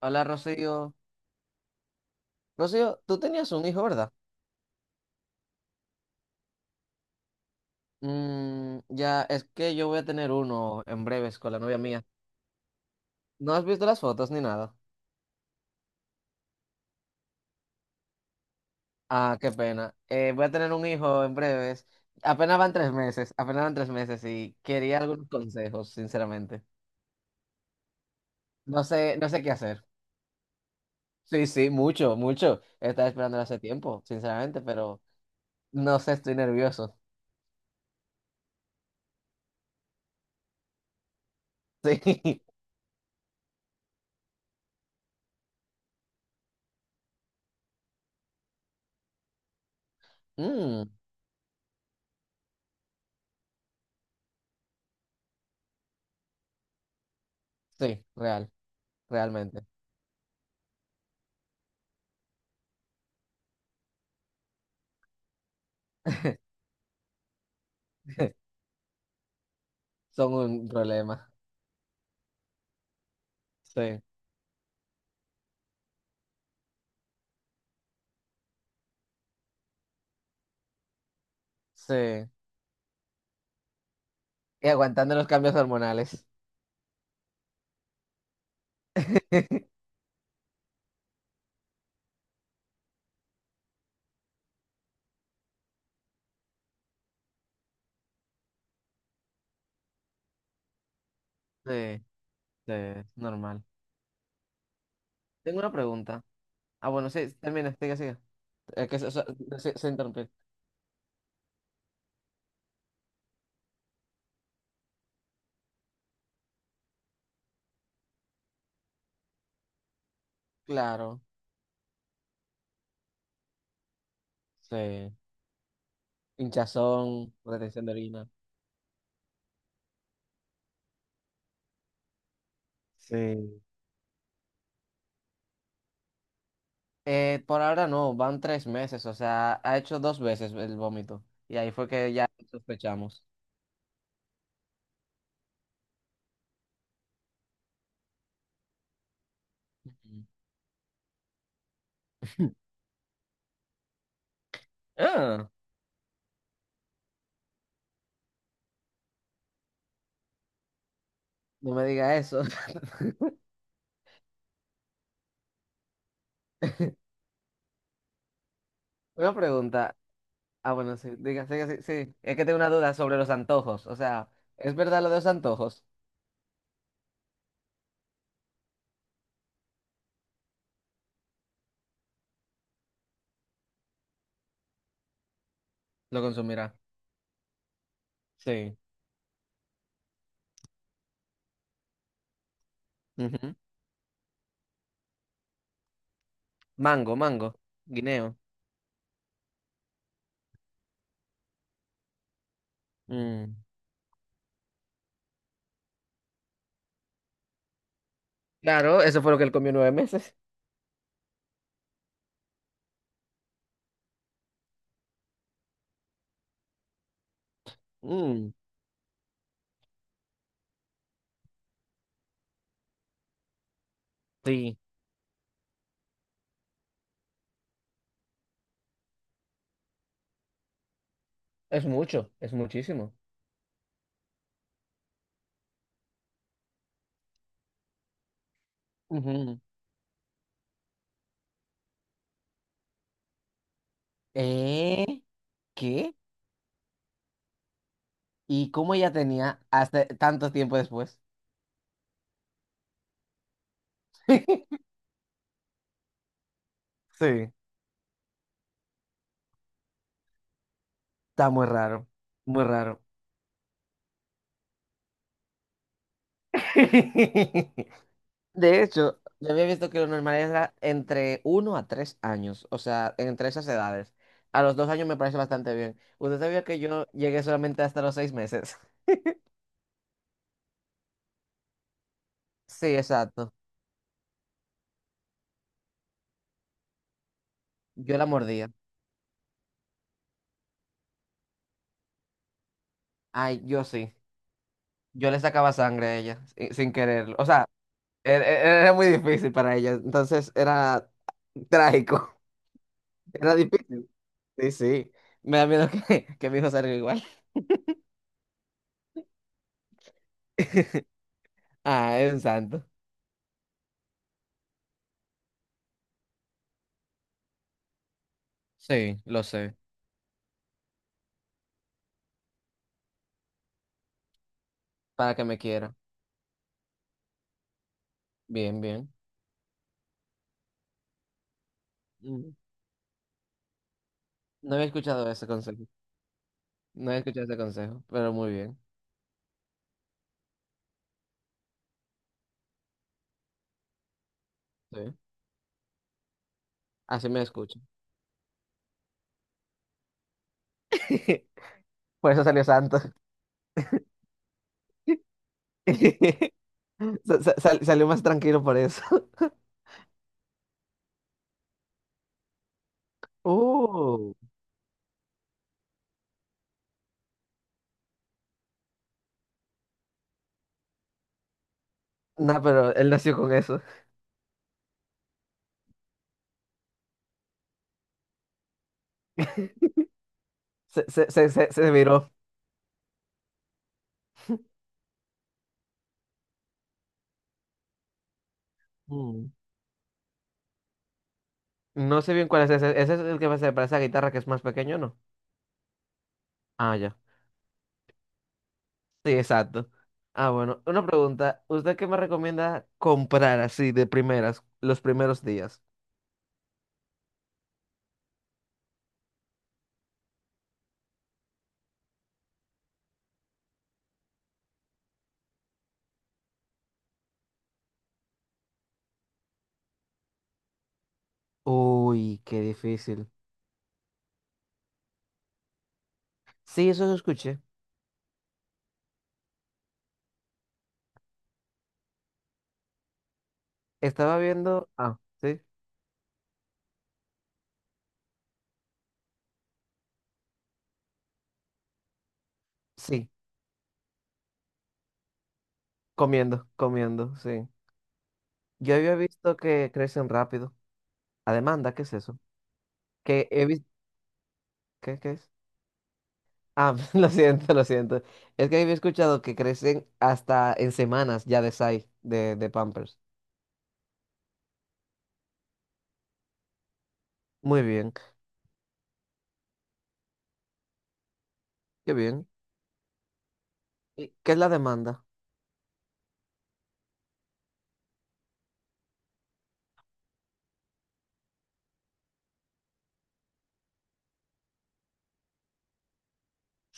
Hola, Rocío. Rocío, tú tenías un hijo, ¿verdad? Mm, ya, es que yo voy a tener uno en breves con la novia mía. ¿No has visto las fotos ni nada? Ah, qué pena. Voy a tener un hijo en breves. Apenas van 3 meses, apenas van tres meses, y quería algunos consejos, sinceramente. No sé, no sé qué hacer. Sí, sí, mucho, mucho. Estaba esperando hace tiempo, sinceramente, pero no sé, estoy nervioso. Sí. Mm, sí, realmente. Son un problema. Sí. Sí. Y aguantando los cambios hormonales. Sí, sí, es normal. Tengo una pregunta. Ah, bueno, sí, termina, sigue, sigue. Es que se interrumpió. Claro, sí. Hinchazón, retención de orina. Sí. Por ahora no, van 3 meses, o sea, ha hecho dos veces el vómito. Y ahí fue que ya sospechamos. Ujú. Ah, no me diga eso. Una pregunta. Ah, bueno, sí, diga, sí, sí, sí. Es que tengo una duda sobre los antojos. O sea, ¿es verdad lo de los antojos? Lo consumirá. Sí. Ujú. Mango, mango, guineo. Mm. Claro, eso fue lo que él comió 9 meses. Mm. Sí. Es mucho, es muchísimo. Ujú. ¿Eh? ¿Qué? ¿Y cómo ella tenía hasta tanto tiempo después? Sí, está muy raro, muy raro. De hecho, yo había visto que lo normal era entre 1 a 3 años, o sea, entre esas edades. A los 2 años me parece bastante bien. ¿Usted sabía que yo llegué solamente hasta los 6 meses? Sí, exacto. Yo la mordía. Ay, yo sí. Yo le sacaba sangre a ella, sin quererlo. O sea, era muy difícil para ella, entonces era trágico. Era difícil. Sí, sí. Me da miedo que mi hijo salga igual. Ah, es un santo. Sí, lo sé. Para que me quiera. Bien, bien. Mm. No había escuchado ese consejo. No había escuchado ese consejo, pero muy bien. Sí. Así me escucho. Por eso salió santo. Salió más tranquilo por eso. Uh. No, pero él nació con eso. Se viró. Mm. No sé bien cuál es ese. ¿Ese es el que se parece a la guitarra que es más pequeño, no? Ah, ya. Sí, exacto. Ah, bueno. Una pregunta. ¿Usted qué me recomienda comprar así de primeras, los primeros días? Uy, qué difícil. Sí, eso lo escuché. Estaba viendo. Ah, sí. Sí, comiendo, comiendo, sí. Yo había visto que crecen rápido. A demanda, ¿qué es eso? Que he visto. ¿Qué, qué es? Ah, lo siento, lo siento. Es que había escuchado que crecen hasta en semanas ya de size, de Pampers. Muy bien, qué bien. ¿Y qué es la demanda?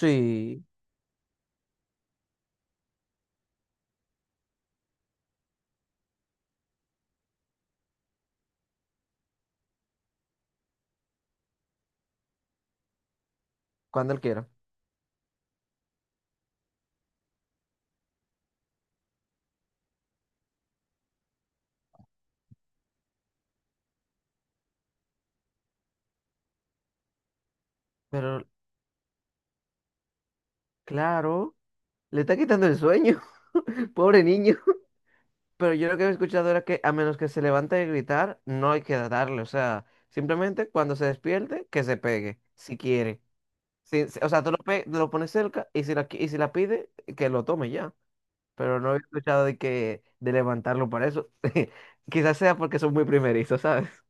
Sí, cuando él quiera. Pero, claro, le está quitando el sueño. Pobre niño. Pero yo lo que he escuchado era que a menos que se levante a gritar, no hay que darle. O sea, simplemente cuando se despierte, que se pegue, si quiere. O sea, tú lo pones cerca y si la pide, que lo tome ya. Pero no he escuchado de que de levantarlo para eso. Quizás sea porque son muy primerizos, ¿sabes?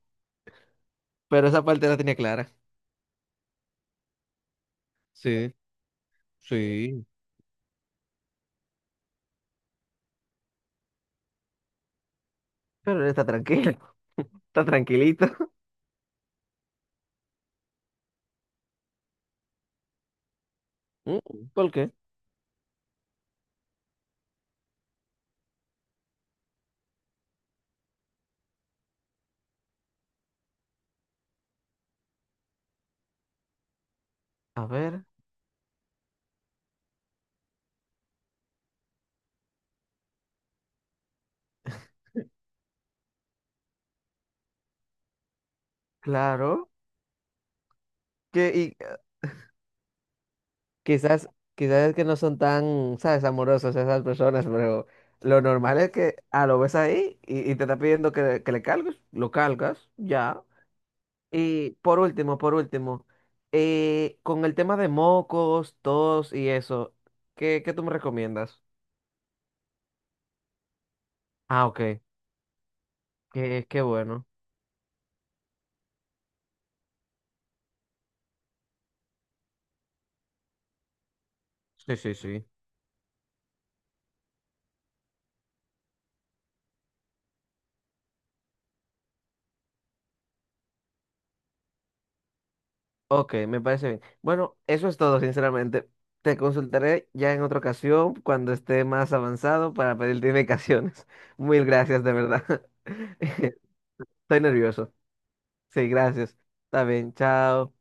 Pero esa parte la tenía clara. Sí, sí. Pero él está tranquilo. Está tranquilito. Mm. ¿Por qué? A ver, claro. Quizás, quizás es que no son tan, ¿sabes? Amorosos esas personas, pero lo normal es que, ah, lo ves ahí y te está pidiendo que le cargues, lo cargas, ya. Y por último, con el tema de mocos, tos y eso, ¿qué, qué tú me recomiendas? Ah, OK, qué, qué bueno. Sí, sí, sí. OK, me parece bien. Bueno, eso es todo, sinceramente. Te consultaré ya en otra ocasión cuando esté más avanzado para pedirte indicaciones. Mil gracias, de verdad. Estoy nervioso. Sí, gracias. Está bien, chao.